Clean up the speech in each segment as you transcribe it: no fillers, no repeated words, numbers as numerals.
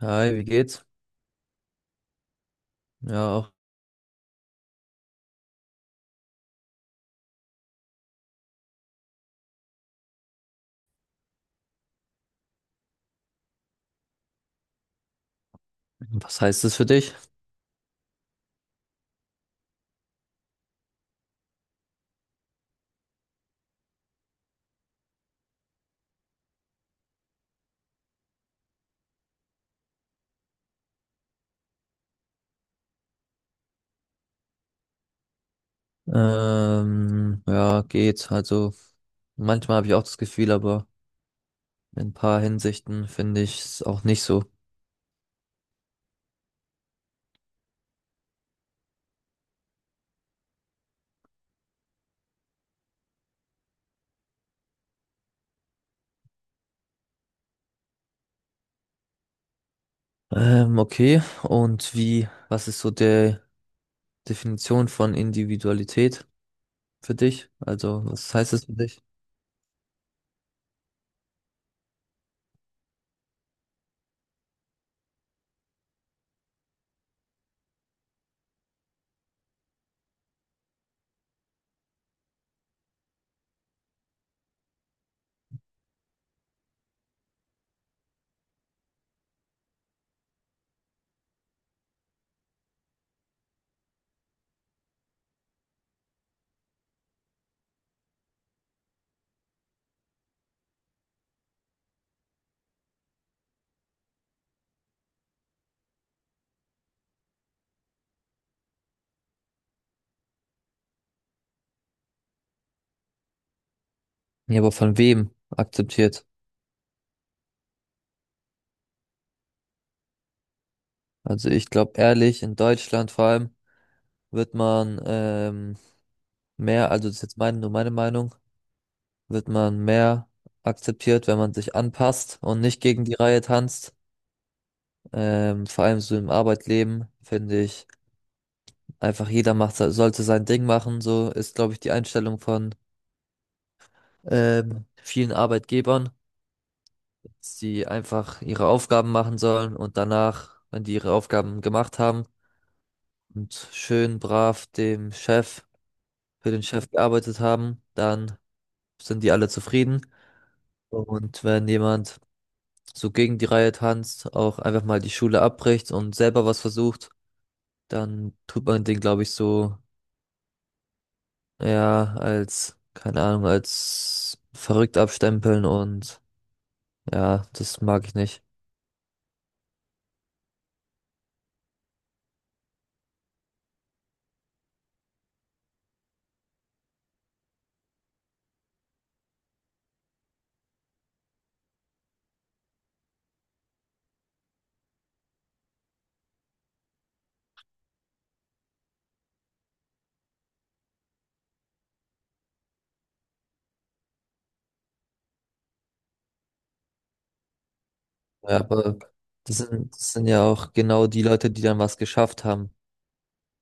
Hi, wie geht's? Ja, auch. Was heißt das für dich? Ja, geht. Also manchmal habe ich auch das Gefühl, aber in ein paar Hinsichten finde ich es auch nicht so. Okay. Und wie, was ist so der Definition von Individualität für dich? Also, was heißt das für dich? Ja, aber von wem akzeptiert? Also ich glaube ehrlich, in Deutschland vor allem wird man mehr, also das ist jetzt meine, nur meine Meinung, wird man mehr akzeptiert, wenn man sich anpasst und nicht gegen die Reihe tanzt. Vor allem so im Arbeitleben finde ich einfach jeder macht, sollte sein Ding machen. So ist, glaube ich, die Einstellung von vielen Arbeitgebern, dass die einfach ihre Aufgaben machen sollen und danach, wenn die ihre Aufgaben gemacht haben und schön brav dem Chef, für den Chef gearbeitet haben, dann sind die alle zufrieden. Und wenn jemand so gegen die Reihe tanzt, auch einfach mal die Schule abbricht und selber was versucht, dann tut man den, glaube ich, so ja als, keine Ahnung, als verrückt abstempeln und ja, das mag ich nicht. Ja, aber das sind ja auch genau die Leute, die dann was geschafft haben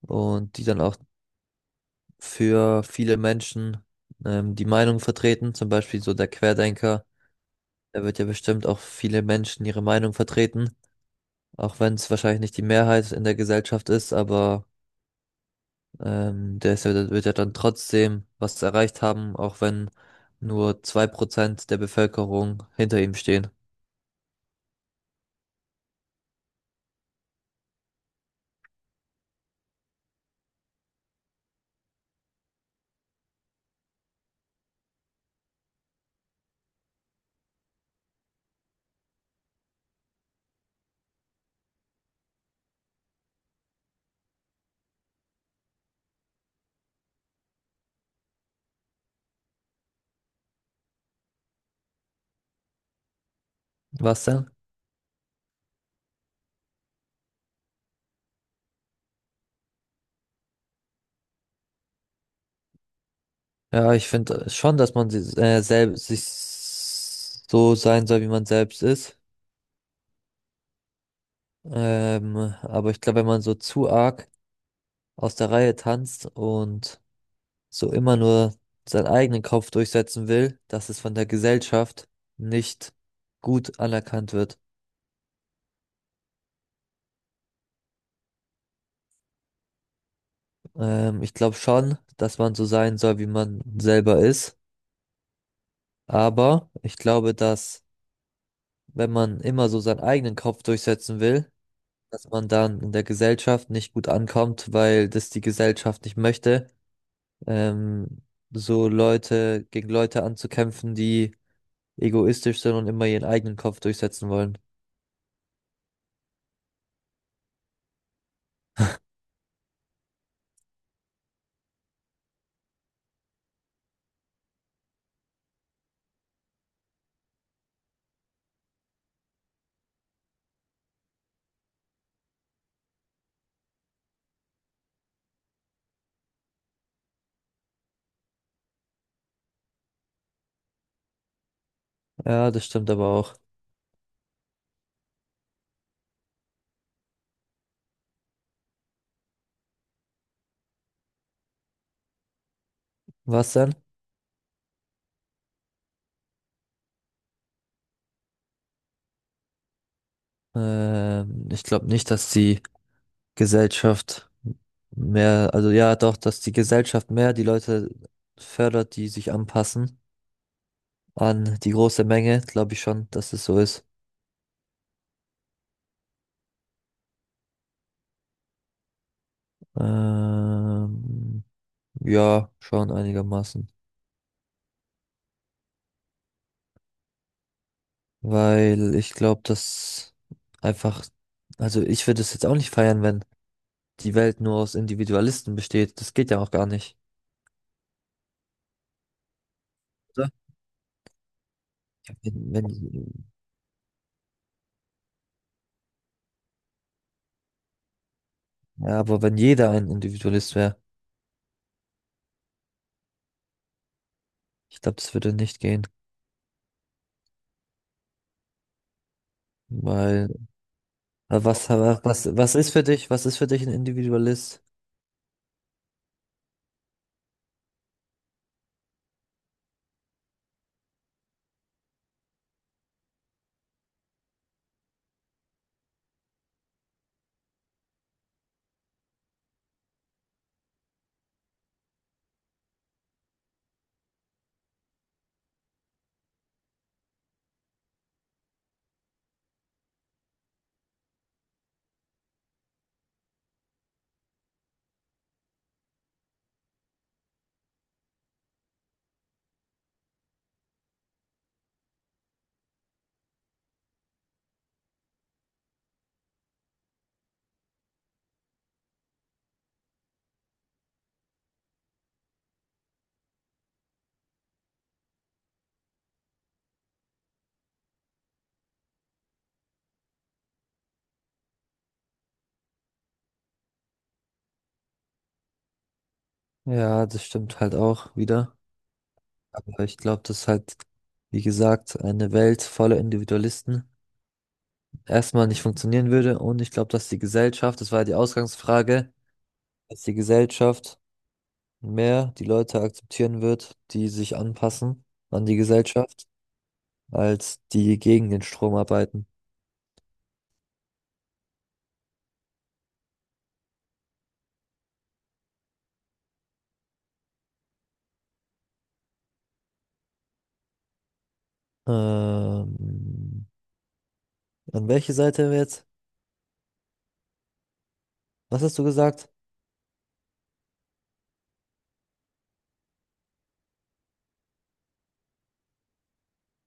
und die dann auch für viele Menschen die Meinung vertreten, zum Beispiel so der Querdenker, der wird ja bestimmt auch viele Menschen ihre Meinung vertreten. Auch wenn es wahrscheinlich nicht die Mehrheit in der Gesellschaft ist, aber der ist ja, der wird ja dann trotzdem was erreicht haben, auch wenn nur 2% der Bevölkerung hinter ihm stehen. Was denn? Ja, ich finde schon, dass man selbst sich so sein soll, wie man selbst ist. Ähm, aber ich glaube, wenn man so zu arg aus der Reihe tanzt und so immer nur seinen eigenen Kopf durchsetzen will, dass es von der Gesellschaft nicht gut anerkannt wird. Ich glaube schon, dass man so sein soll, wie man selber ist. Aber ich glaube, dass wenn man immer so seinen eigenen Kopf durchsetzen will, dass man dann in der Gesellschaft nicht gut ankommt, weil das die Gesellschaft nicht möchte. Ähm, so Leute gegen Leute anzukämpfen, die egoistisch sind und immer ihren eigenen Kopf durchsetzen wollen. Ja, das stimmt aber auch. Was denn? Ich glaube nicht, dass die Gesellschaft mehr, also ja, doch, dass die Gesellschaft mehr die Leute fördert, die sich anpassen an die große Menge, glaube ich schon, dass es so ist. Ähm, ja, schon einigermaßen. Weil ich glaube, dass einfach, also ich würde es jetzt auch nicht feiern, wenn die Welt nur aus Individualisten besteht. Das geht ja auch gar nicht. Oder? Wenn, wenn, ja, aber wenn jeder ein Individualist wäre, ich glaube, das würde nicht gehen. Weil aber was ist für dich, was ist für dich ein Individualist? Ja, das stimmt halt auch wieder. Aber ich glaube, dass halt, wie gesagt, eine Welt voller Individualisten erstmal nicht funktionieren würde. Und ich glaube, dass die Gesellschaft, das war ja die Ausgangsfrage, dass die Gesellschaft mehr die Leute akzeptieren wird, die sich anpassen an die Gesellschaft, als die gegen den Strom arbeiten. Ähm, An welche Seite jetzt? Was hast du gesagt?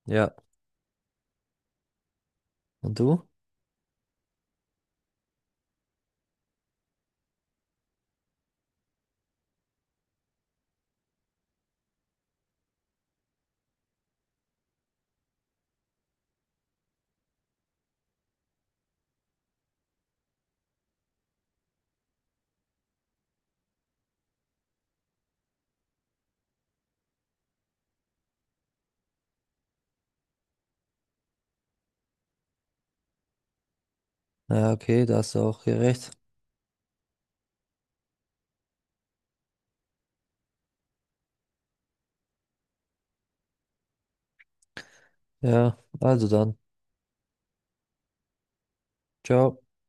Ja. Und du? Ja, okay, da hast du auch gerecht. Ja, also dann. Ciao.